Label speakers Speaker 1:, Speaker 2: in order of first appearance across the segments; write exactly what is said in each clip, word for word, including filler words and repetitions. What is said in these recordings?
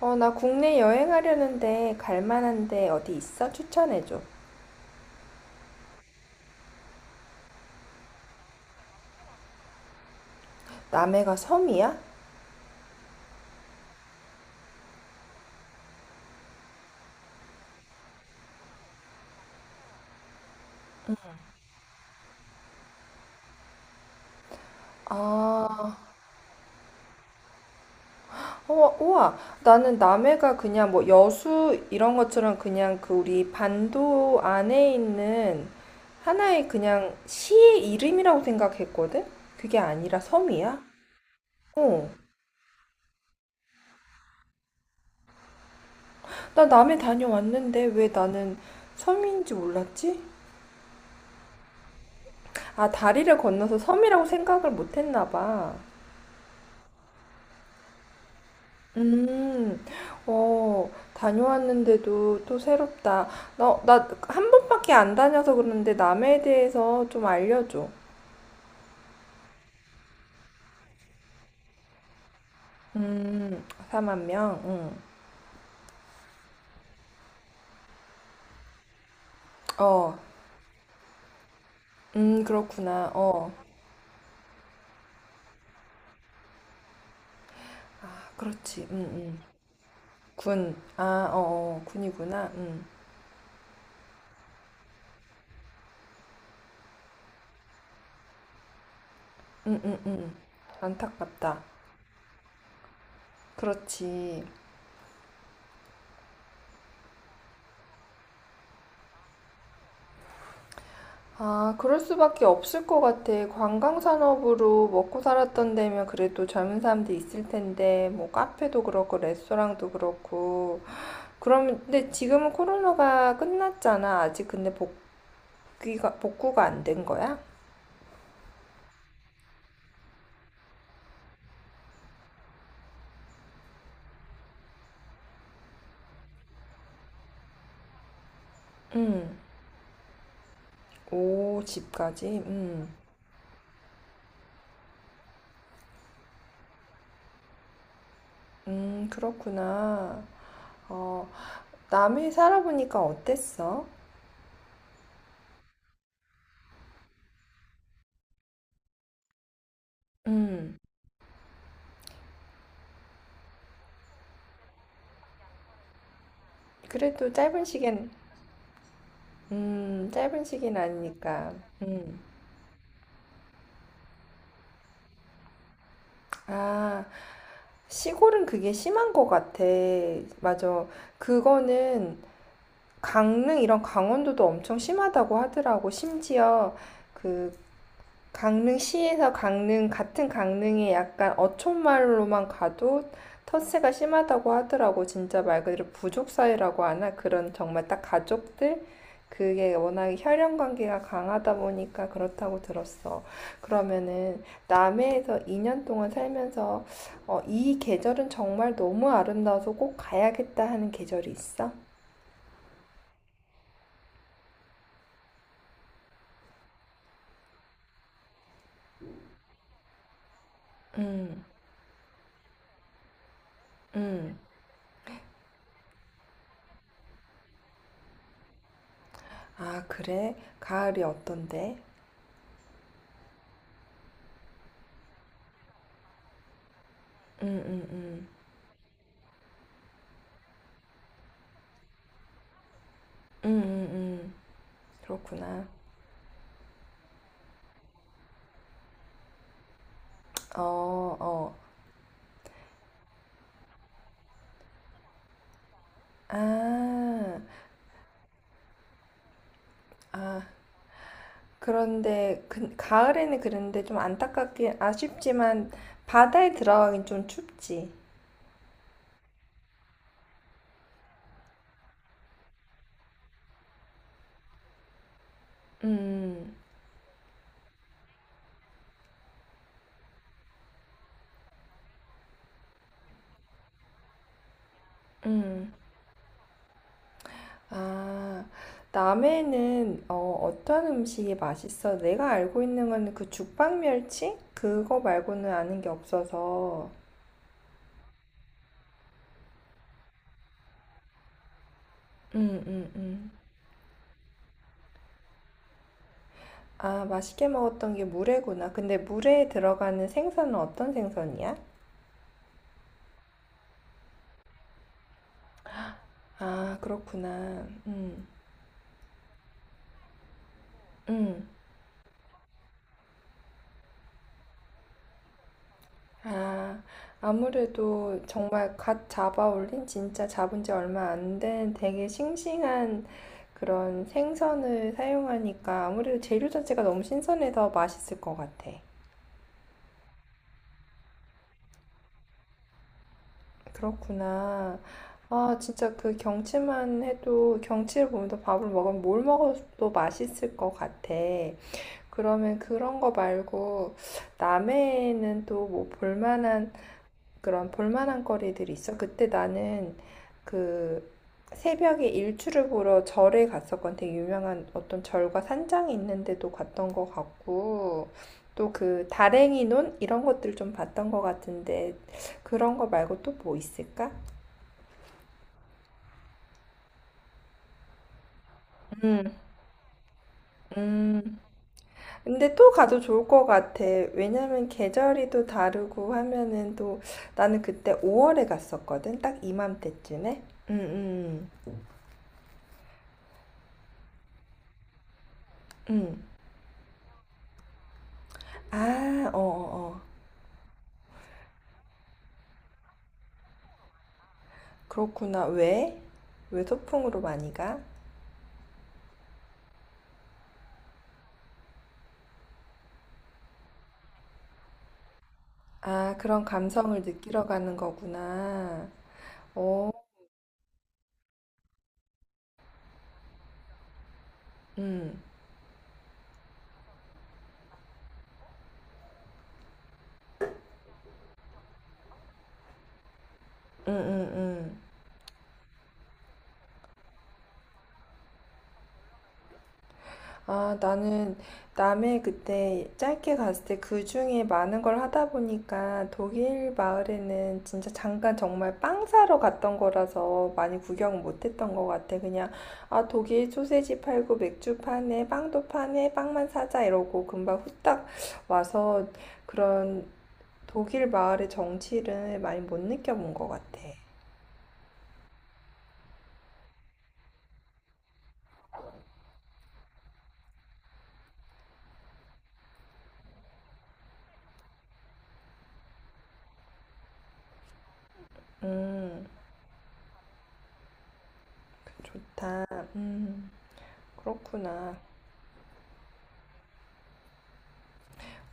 Speaker 1: 어, 나 국내 여행하려는데 갈 만한 데 어디 있어? 추천해줘. 남해가 섬이야? 아, 어, 우와. 나는 남해가 그냥 뭐 여수 이런 것처럼 그냥 그 우리 반도 안에 있는 하나의 그냥 시의 이름이라고 생각했거든? 그게 아니라 섬이야? 어. 나 남해 다녀왔는데 왜 나는 섬인지 몰랐지? 아, 다리를 건너서 섬이라고 생각을 못 했나 봐. 음, 어, 다녀왔는데도 또 새롭다. 너, 나 한 번밖에 안 다녀서 그러는데 남에 대해서 좀 알려줘. 음, 사만 명? 응. 어, 음, 그렇구나. 어, 아, 그렇지. 음, 음. 군. 아, 어, 어, 군이구나. 음, 음, 음, 음. 안타깝다. 그렇지. 아, 그럴 수밖에 없을 것 같아. 관광 산업으로 먹고 살았던 데면 그래도 젊은 사람들 있을 텐데, 뭐 카페도 그렇고 레스토랑도 그렇고. 그럼 근데 지금은 코로나가 끝났잖아. 아직 근데 복귀가 복구가 안 된 거야? 응. 오, 집까지. 응. 음, 그렇구나. 어, 남해 살아보니까 어땠어? 음. 그래도 짧은 시기엔 음, 짧은 시기는 아니니까. 음. 아. 시골은 그게 심한 것 같아. 맞아. 그거는 강릉 이런 강원도도 엄청 심하다고 하더라고. 심지어 그 강릉시에서 강릉, 같은 강릉에 약간 어촌마을로만 가도 텃세가 심하다고 하더라고. 진짜 말 그대로 부족 사회라고 하나? 그런 정말 딱 가족들? 그게 워낙에 혈연 관계가 강하다 보니까 그렇다고 들었어. 그러면은 남해에서 이 년 동안 살면서 어, 이 계절은 정말 너무 아름다워서 꼭 가야겠다 하는 계절이 있어? 음, 음. 아, 그래? 가을이 어떤데? 음, 음, 음. 음, 음, 음. 그렇구나. 어, 어. 아, 아. 그런데 그, 가을에는 그런데 좀 안타깝긴 아쉽지만 바다에 들어가긴 좀 춥지. 음, 음. 아, 남해는 어, 어떤 음식이 맛있어? 내가 알고 있는 건 그 죽방멸치? 그거 말고는 아는 게 없어서. 음, 음, 음. 아, 맛있게 먹었던 게 물회구나. 근데 물회에 들어가는 생선은 어떤 생선이야? 아, 그렇구나. 음, 음. 아, 아무래도 정말 갓 잡아 올린, 진짜 잡은 지 얼마 안 된 되게 싱싱한 그런 생선을 사용하니까 아무래도 재료 자체가 너무 신선해서 맛있을 것 같아. 그렇구나. 아, 진짜 그 경치만 해도 경치를 보면서 밥을 먹으면 뭘 먹어도 맛있을 것 같아. 그러면 그런 거 말고 남해에는 또 뭐 볼만한 그런 볼만한 거리들이 있어. 그때 나는 그 새벽에 일출을 보러 절에 갔었건 되게 유명한 어떤 절과 산장이 있는데도 갔던 것 같고 또 그 다랭이 논 이런 것들 좀 봤던 것 같은데 그런 거 말고 또 뭐 있을까? 음, 음. 근데 또 가도 좋을 것 같아. 왜냐면 계절이 또 다르고 하면은 또 나는 그때 오월에 갔었거든. 딱 이맘때쯤에. 음, 음, 음. 아, 어어어. 그렇구나. 왜? 왜 소풍으로 많이 가? 아, 그런 감성을 느끼러 가는 거구나. 어, 음, 음, 음, 음. 아, 나는 남해 그때 짧게 갔을 때 그 중에 많은 걸 하다 보니까 독일 마을에는 진짜 잠깐 정말 빵 사러 갔던 거라서 많이 구경 못 했던 것 같아. 그냥, 아, 독일 소세지 팔고 맥주 파네, 빵도 파네, 빵만 사자 이러고 금방 후딱 와서 그런 독일 마을의 정취를 많이 못 느껴본 것 같아. 음, 그 좋다. 음, 그렇구나.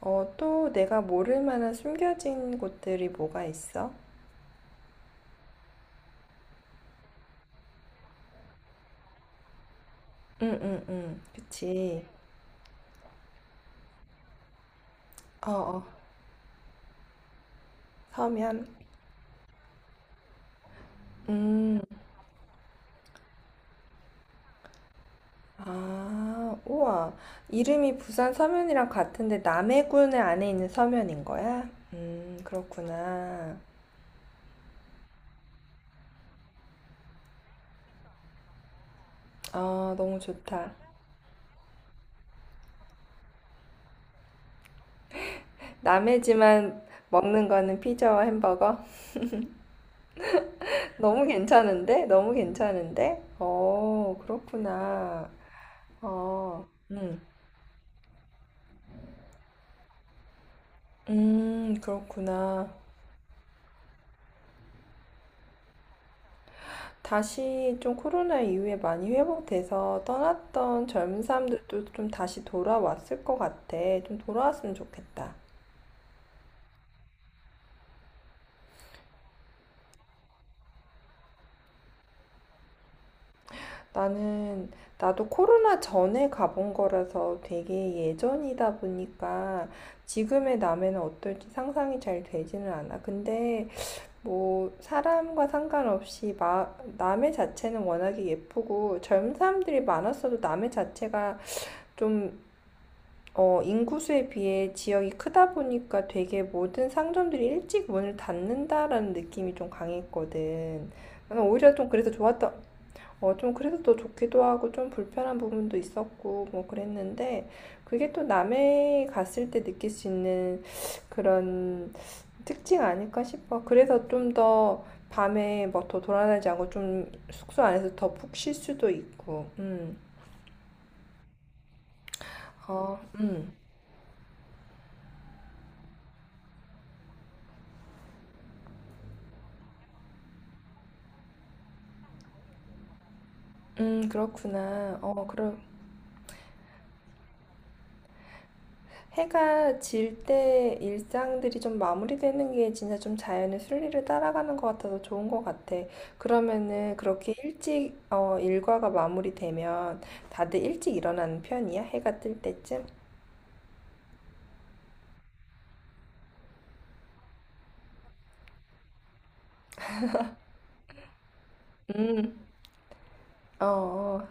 Speaker 1: 어, 또 내가 모를 만한 숨겨진 곳들이 뭐가 있어? 응, 응, 응. 그치. 어, 어. 서면. 음, 아, 우와. 이름이 부산 서면이랑 같은데 남해군 안에 있는 서면인 거야? 음, 그렇구나. 아, 너무 좋다. 남해지만 먹는 거는 피자와 햄버거? 너무 괜찮은데? 너무 괜찮은데? 어, 그렇구나. 어, 음, 음, 그렇구나. 다시 좀 코로나 이후에 많이 회복돼서 떠났던 젊은 사람들도 좀 다시 돌아왔을 것 같아. 좀 돌아왔으면 좋겠다. 나는, 나도 코로나 전에 가본 거라서 되게 예전이다 보니까 지금의 남에는 어떨지 상상이 잘 되지는 않아. 근데 뭐 사람과 상관없이 마, 남의 자체는 워낙에 예쁘고 젊은 사람들이 많았어도 남의 자체가 좀 어, 인구수에 비해 지역이 크다 보니까 되게 모든 상점들이 일찍 문을 닫는다라는 느낌이 좀 강했거든. 나는 오히려 좀 그래서 좋았던 어, 좀 그래서 또 좋기도 하고 좀 불편한 부분도 있었고 뭐 그랬는데 그게 또 남해 갔을 때 느낄 수 있는 그런 특징 아닐까 싶어. 그래서 좀 더 밤에 뭐 더 돌아다니지 않고 좀 숙소 안에서 더 푹 쉴 수도 있고. 음. 어, 음. 음, 그렇구나. 어, 그럼 해가 질 때 일상들이 좀 마무리되는 게 진짜 좀 자연의 순리를 따라가는 것 같아서 좋은 것 같아. 그러면은 그렇게 일찍 어, 일과가 마무리되면 다들 일찍 일어나는 편이야? 해가 뜰 때쯤? 음, 어, 어.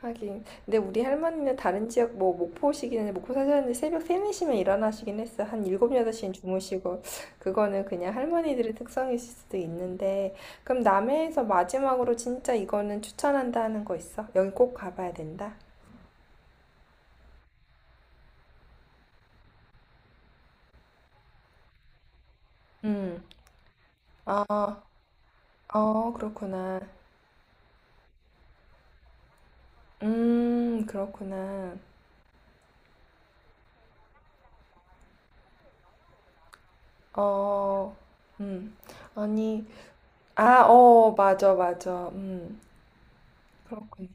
Speaker 1: 하긴. 근데 우리 할머니는 다른 지역 뭐 목포시기는 목포 사셨는데 새벽 세네 시면 일어나시긴 했어. 한 칠, 여덟 시엔 주무시고. 그거는 그냥 할머니들의 특성일 수도 있는데. 그럼 남해에서 마지막으로 진짜 이거는 추천한다 하는 거 있어? 여기 꼭 가봐야 된다. 음. 아, 어, 그렇구나. 음, 그렇구나. 어, 음. 아니, 아, 어, 맞아, 맞아. 음, 그렇군.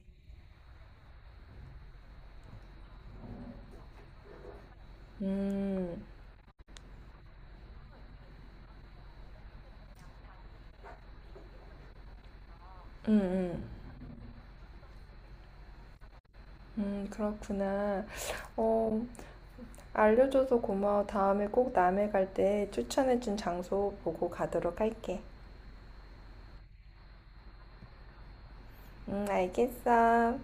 Speaker 1: 음, 음, 음. 음, 그렇구나. 어, 알려줘서 고마워. 다음에 꼭 남해 갈 때 추천해준 장소 보고 가도록 할게. 음, 알겠어.